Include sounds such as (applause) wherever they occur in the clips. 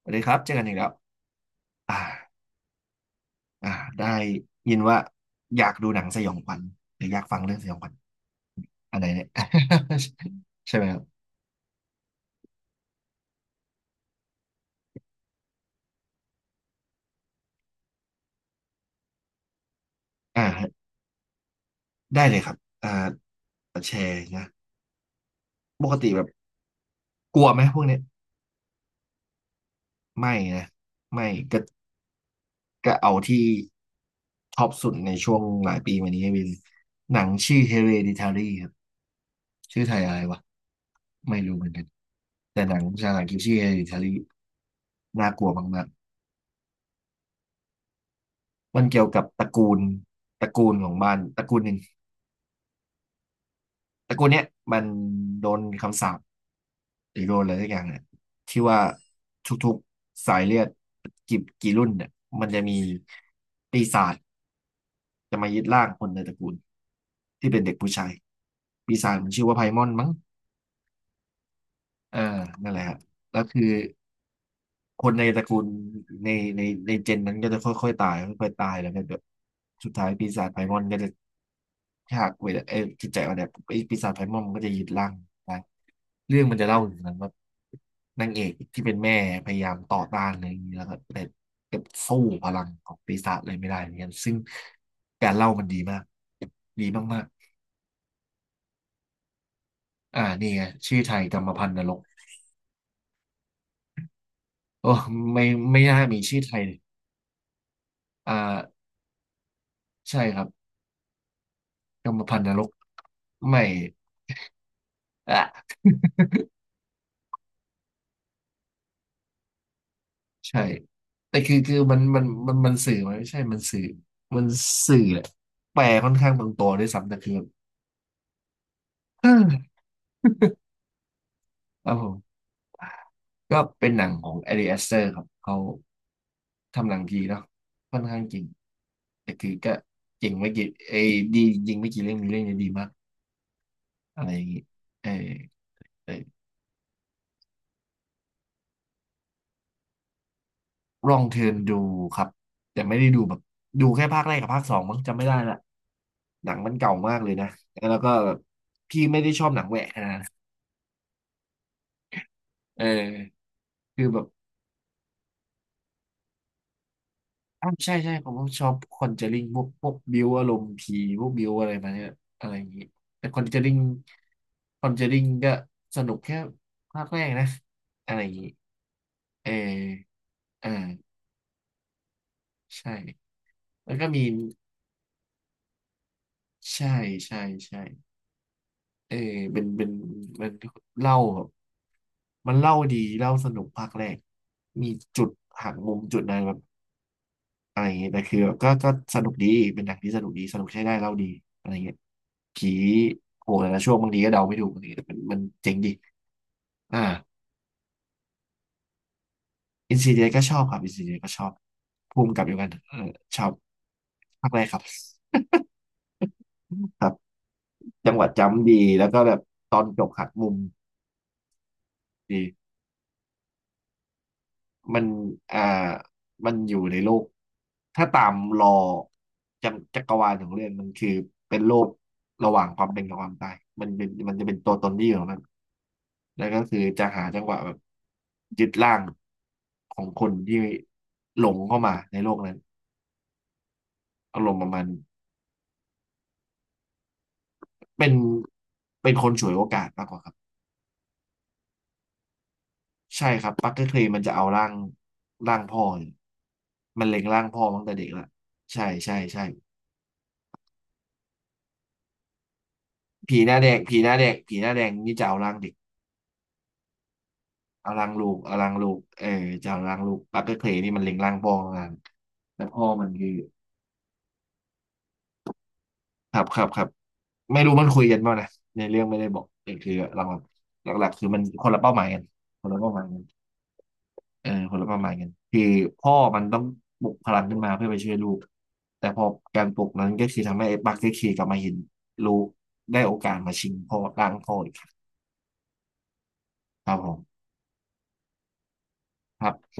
สวัสดีครับเจอกันอีกแล้วอ่าอ่าได้ยินว่าอยากดูหนังสยองขวัญหรืออยากฟังเรื่องสยองขวัญอันไหนเนี่ย (laughs) ใช่ไหมครับอ่าได้เลยครับอ่าแชร์นะปกติแบบกลัวไหมพวกเนี้ยไม่นะไม่ก็ก็เอาที่ท็อปสุดในช่วงหลายปีมานี้เป็นหนังชื่อ Hereditary ครับชื่อไทยอะไรวะไม่รู้เหมือนกันแต่หนังภาษาอังกฤษชื่อ Hereditary น่ากลัวมาก มันเกี่ยวกับตระกูลตระกูลของมันตระกูลหนึ่งตระกูลเนี้ยมันโดนคำสาปหรือโดนอะไรสักอย่างเนี่ยที่ว่าทุกๆสายเลือดกี่รุ่นเนี่ยมันจะมีปีศาจจะมายึดร่างคนในตระกูลที่เป็นเด็กผู้ชายปีศาจมันชื่อว่าไพมอนมั้งเออนั่นแหละฮะแล้วคือ คนในตระกูลในในในเจนนั้นก็จะค่อยๆตายค่อยๆตายแล้วก็แบบสุดท้ายปีศาจไพมอนก็จะฉักเวลาเออจิตใจอ่อนแอไอ้ปีศาจไพมอนมันก็จะยึดร่างได้เรื่องมันจะเล่าถึงนั้นว่านางเอกที่เป็นแม่พยายามต่อต้านอะไรอย่างนี้แล้วก็แต่สู้พลังของปีศาจเลยไม่ได้เหมือนกันซึ่งการเล่ามันดีมากดีมากๆนี่ไงชื่อไทยกรรมพันธุ์นรกโอ้ไม่ไม่น่ามีชื่อไทยเลยอ่าใช่ครับ กรรมพันธุ์นรกไม่อ่ะ (laughs) ใช่แต่คือคือมันสื่อไหมไม่ใช่มันสื่อมันสื่อแหละแปลค่อนข้างตรงตัวด้วยซ้ำแต่คือแบบ (sighs) เออครับผมก็เป็นหนังของแอริอสเตอร์ครับเขาทำหนังดีเนาะค่อนข้างจริงแต่คือก็เจริงไม่กี่เอยดีจริงไม่กี่เรื่องมีเรื่องเนี้ดีมากอะไรอย่างงี้เออเออ ลองเทิร์นดูครับแต่ไม่ได้ดูแบบดูแค่ภาคแรกกับภาคสองมั้งจำไม่ได้ละหนังมันเก่ามากเลยนะแล้วก็แบบพี่ไม่ได้ชอบหนังแหวกขนาดนะเออคือแบบอ้าวใช่ใช่ผมก็ชอบคอนเจอริงพวกพวกบิวอารมณ์ผีพวกบิวอะไรมาเนี่ยอะไรอย่างนี้แต่คอนเจอริงคอนเจอริงก็สนุกแค่ภาคแรกนะอะไรอย่างนี้เออเออใช่แล้วก็มีใช่ใช่ใช่ เออเป็นเป็นมันเล่าแบบมันเล่าดีเล่าสนุกภาคแรกมีจุดหักมุมจุดอะไรแบบอะไรอย่างเงี้ยแต่คือแบบก็ก็สนุกดีเป็นหนังที่สนุกดีสนุกใช้ได้เล่าดีอะไรเงี้ยผีโผล่แต่ละช่วงบางทีก็เดาไม่ถูกอะไรเงที้ยแต่มันมันเจ๋งดีอ่าอินซีเดียก็ชอบครับอินซีเดียก็ชอบภูมิกับเดียวกันเออชอบภาคแรกครับ (laughs) ครับจังหวะจำดีแล้วก็แบบตอนจบหักมุมดี มันอ่ามันอยู่ในโลก ถ้าตามรอจักรจักรวาลของเรื่องมันคือเป็นโลกระหว่างความเป็นกับความตายมันเป็นมันจะเป็นตัวตนที่อยู่ของมัน แล้วก็คือจะหาจังหวะแบบยึดร่างของคนที่หลงเข้ามาในโลกนั้นอารมณ์ประมาณนี้เป็นเป็นคนฉวยโอกาสมากกว่าครับ ใช่ครับปักเกอร์เคลย์มันจะเอาร่างร่างพ่อเนี่ยมันเล็งร่างพ่อมาตั้งแต่เด็กละใช่ใช่ใช่ ผีหน้าแดงผีหน้าแดงผีหน้าแดงนี่จะเอาร่างเด็กเอาร่างลูกเอาร่างลูกเออจะเอาร่างลูกปักเกอร์เคลนี่มันเล็งร่างพ่อมากแล้วพ่อมันคือครับครับครับไม่รู้มันคุยกันบ้างนะในเรื่องไม่ได้บอกเออคือหลักๆคือมันคนละเป้าหมายกันคนละเป้าหมายกันเออคนละเป้าหมายกันคือพ่อมันต้องปลุกพลังขึ้นมาเพื่อไปช่วยลูกแต่พอการปลุกนั้นก็คือทำให้ไอ้ปักเกอร์เคลกลับมาเห็นลูกได้โอกาสมาชิงพ่อร่างพ่ออีกครับผมครับ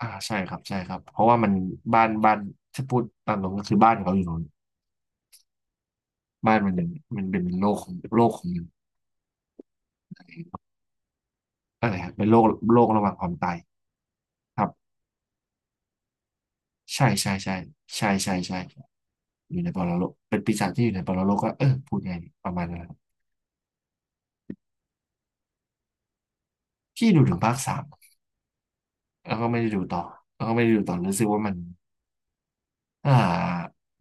ใช่ครับใช่ครับเพราะว่ามันบ้านบ้านถ้าพูดตามตรงก็คือบ้านเขาอยู่นู้นบ้านมันเป็นมันเป็นโลกของโลกของอะไรครับเป็นโลกโลกระหว่างความตายครับใช่ใช่ใช่ใช่ใช่ใช่อยู่ในปรโลกเป็นปีศาจที่อยู่ในปรโลกก็เออพูดไงดีประมาณนั้นครับที่ดูถึงภาคสามแล้วก็ไม่ได้ดูต่อแล้วก็ไม่ได้ดูต่อรู้สึกว่ามันอ่า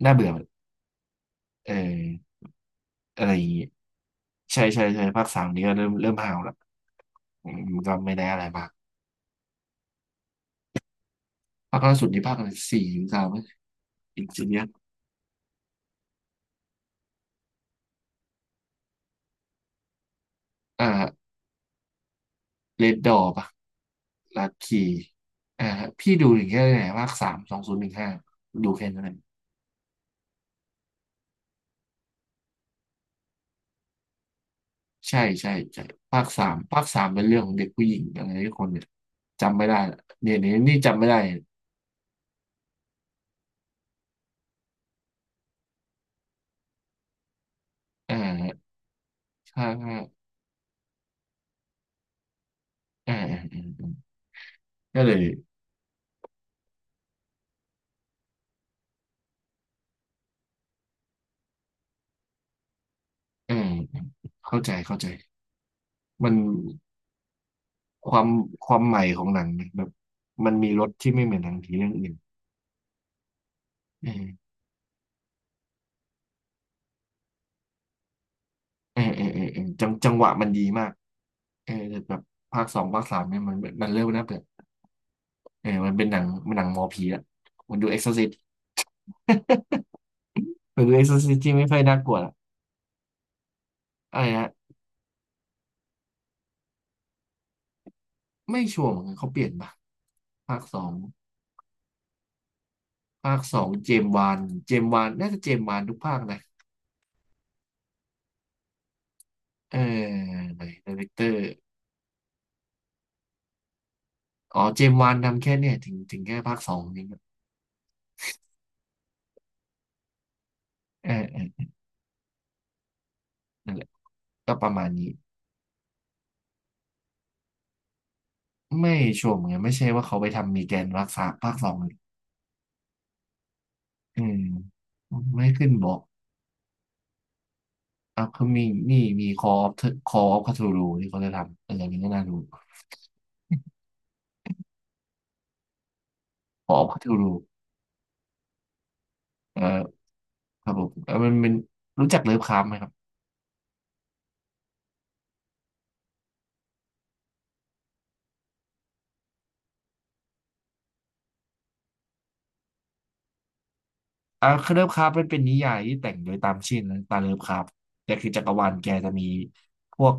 น่าเบื่อเอออะไรอย่างงี้ใช่ใช่ใช่ภาคสามนี้ก็เริ่มเริ่มห่าวละอืมมันก็ไม่ได้อะไรมากภาคล่าสุดนี่ภาคอะไรสี่หสาม อินสิเนียสอ่าเรดดอปะลัคคีอ่าพี่ดูถึงแค่ไหนภาคสาม2015ดูแค่นั้นเองใช่ใช่ใช่ภาคสามภาคสามเป็นเรื่องของเด็กผู้หญิงอะไรทุกคนเนี่ยจำไม่ได้ละเนี่ยเนี่ยนี่จำไม่ได้อ่าถ้าอ่าอ่าอ่าอ่าก็เลยเออเข้าใจเข้าใจมันความความใหม่ของหนังเนี่ยแบบมันมีรสที่ไม่เหมือนหนังผีเรื่องอื่นเออเออเออเออเออจังจังหวะมันดีมาก เออแต่แบบภาคสองภาคสามเนี่ยมันเริ่มน่าเบื่อเออมันเป็นหนังหนังหมอผีละมันดูเอ็กซ์ซซิส (laughs) มันดูเอ็กซ์ซซิสที่ไม่ค่อยน่ากลัวละอะไรฮะไม่ชัวร์เหมือนกันเขาเปลี่ยนปะภาคสองภาคสองเจมส์วานเจมส์วานน่าจะเจมส์วานทุกภาคนะเออไหนดีเรคเตอร์อ๋อเจมส์วานทำแค่เนี่ยถึงแค่ภาคสองนี่เออเออนั่นแหละก็ประมาณนี้ไม่ชัวร์เหมือนกันไม่ใช่ว่าเขาไปทำมีแกนรักษาภาคสองเลยอืมไม่ขึ้นบอก อัพคอมีนี่มีคออฟคออฟคาทูรูที่เขาจะทำเอออันี้ก็น่าดูคออฟคาทูรูเออครับผมเออมันเป็นรู้จักเลิฟคราฟต์ไหมครับคเลิฟคราฟต์มันเป็นนิยายที่แต่งโดยตามชื่อนะตามเลิฟคราฟต์แต่คือจักรวาลแกจะมีพวก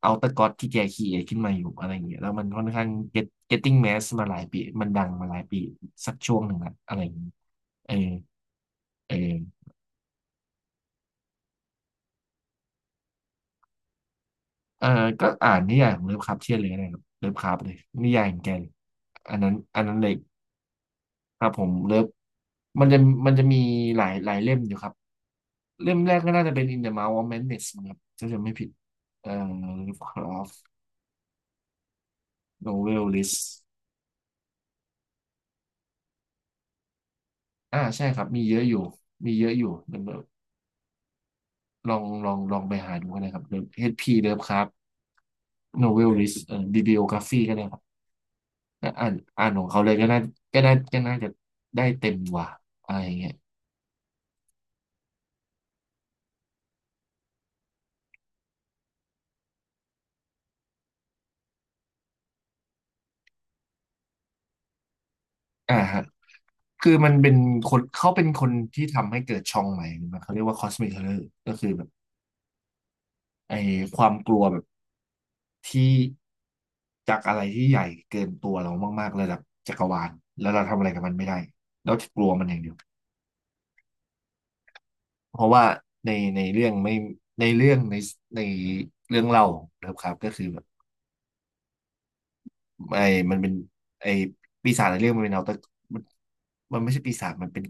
เอาต r ก o d ที่แกคีเอทขึ้นมาอยู่อะไรอย่างเงี้ยแล้วมันค่อนข้าง get getting mass มาหลายปีมันดังมาหลายปีสักช่วงหนึ่งละอะไรอย่างเงี้ยเออเออ เออก็อ่านนิยายของเลิฟคราฟเชียนเลยก็ได้ครับ เลิฟคราฟต์เลยนิยายของแกเลยอันนั้นเลยครับผมเลิฟ มันจะมันจะมีหลายเล่มอยู่ครับ เล่มแรกก็น่าจะเป็น In the Mouth of Madness นะครับถ้าจะไม่ผิดเอ่อ Lovecraft Novel List อ่าใช่ครับ มีเยอะอยู่มีเยอะอยู่เดี๋ยวลองลองไปหาดูกันนะครับ HP Lovecraft Novel List Bibliography ก็ได้ครับก็อ่านอ่านของเขาเลยก็น่าก็น่าจะได้เต็มกว่าอะไรอย่างเงี้ยอ่าฮะ คือมันเป็นคนเขาเป็นคนที่ทำให้เกิดช่องใหม่มันเขาเรียกว่าคอสมิเ o อร์ก็คือแบบไอ้ความกลัวแบบที่จากอะไรที่ใหญ่เกินตัวเรามากๆระดับจักรวาลแล้วเราทำอะไรกับมันไม่ได้เราจะกลัวมันอย่างเดียวเพราะว่าในในเรื่องไม่ในเรื่องในในเรื่องเล่าครับครับก็คือแบบไอ้มันเป็นไอ้ปีศาจในเรื่องมันเป็นเอาแต่มันมันไม่ใช่ปีศาจมันเป็น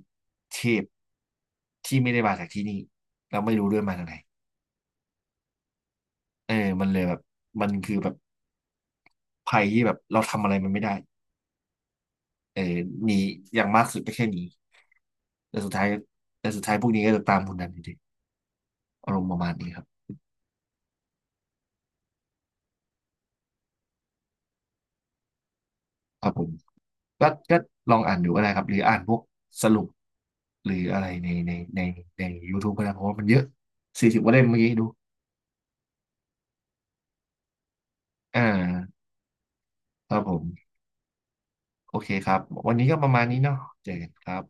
เทพที่ไม่ได้มาจากที่นี่เราไม่รู้ด้วยมาจากไหน เออมันเลยแบบมันคือแบบภัยที่แบบเราทำอะไรมันไม่ได้เออหนีอย่างมากสุดก็แค่หนีแต่สุดท้ายแต่สุดท้ายพวกนี้ก็จะตามคุณนันอยู่ดีอารมณ์ประมาณนี้ครับครับผมก็ลองอ่านดูก็ได้ครับ หรืออ่านพวกสรุปหรืออะไรใน YouTube ก็ได้เพราะว่ามันเยอะ40กว่าเล่มเมื่อกี้ดูอ่าครับผมโอเคครับ วันนี้ก็ประมาณนี้เนาะเจอกันครับ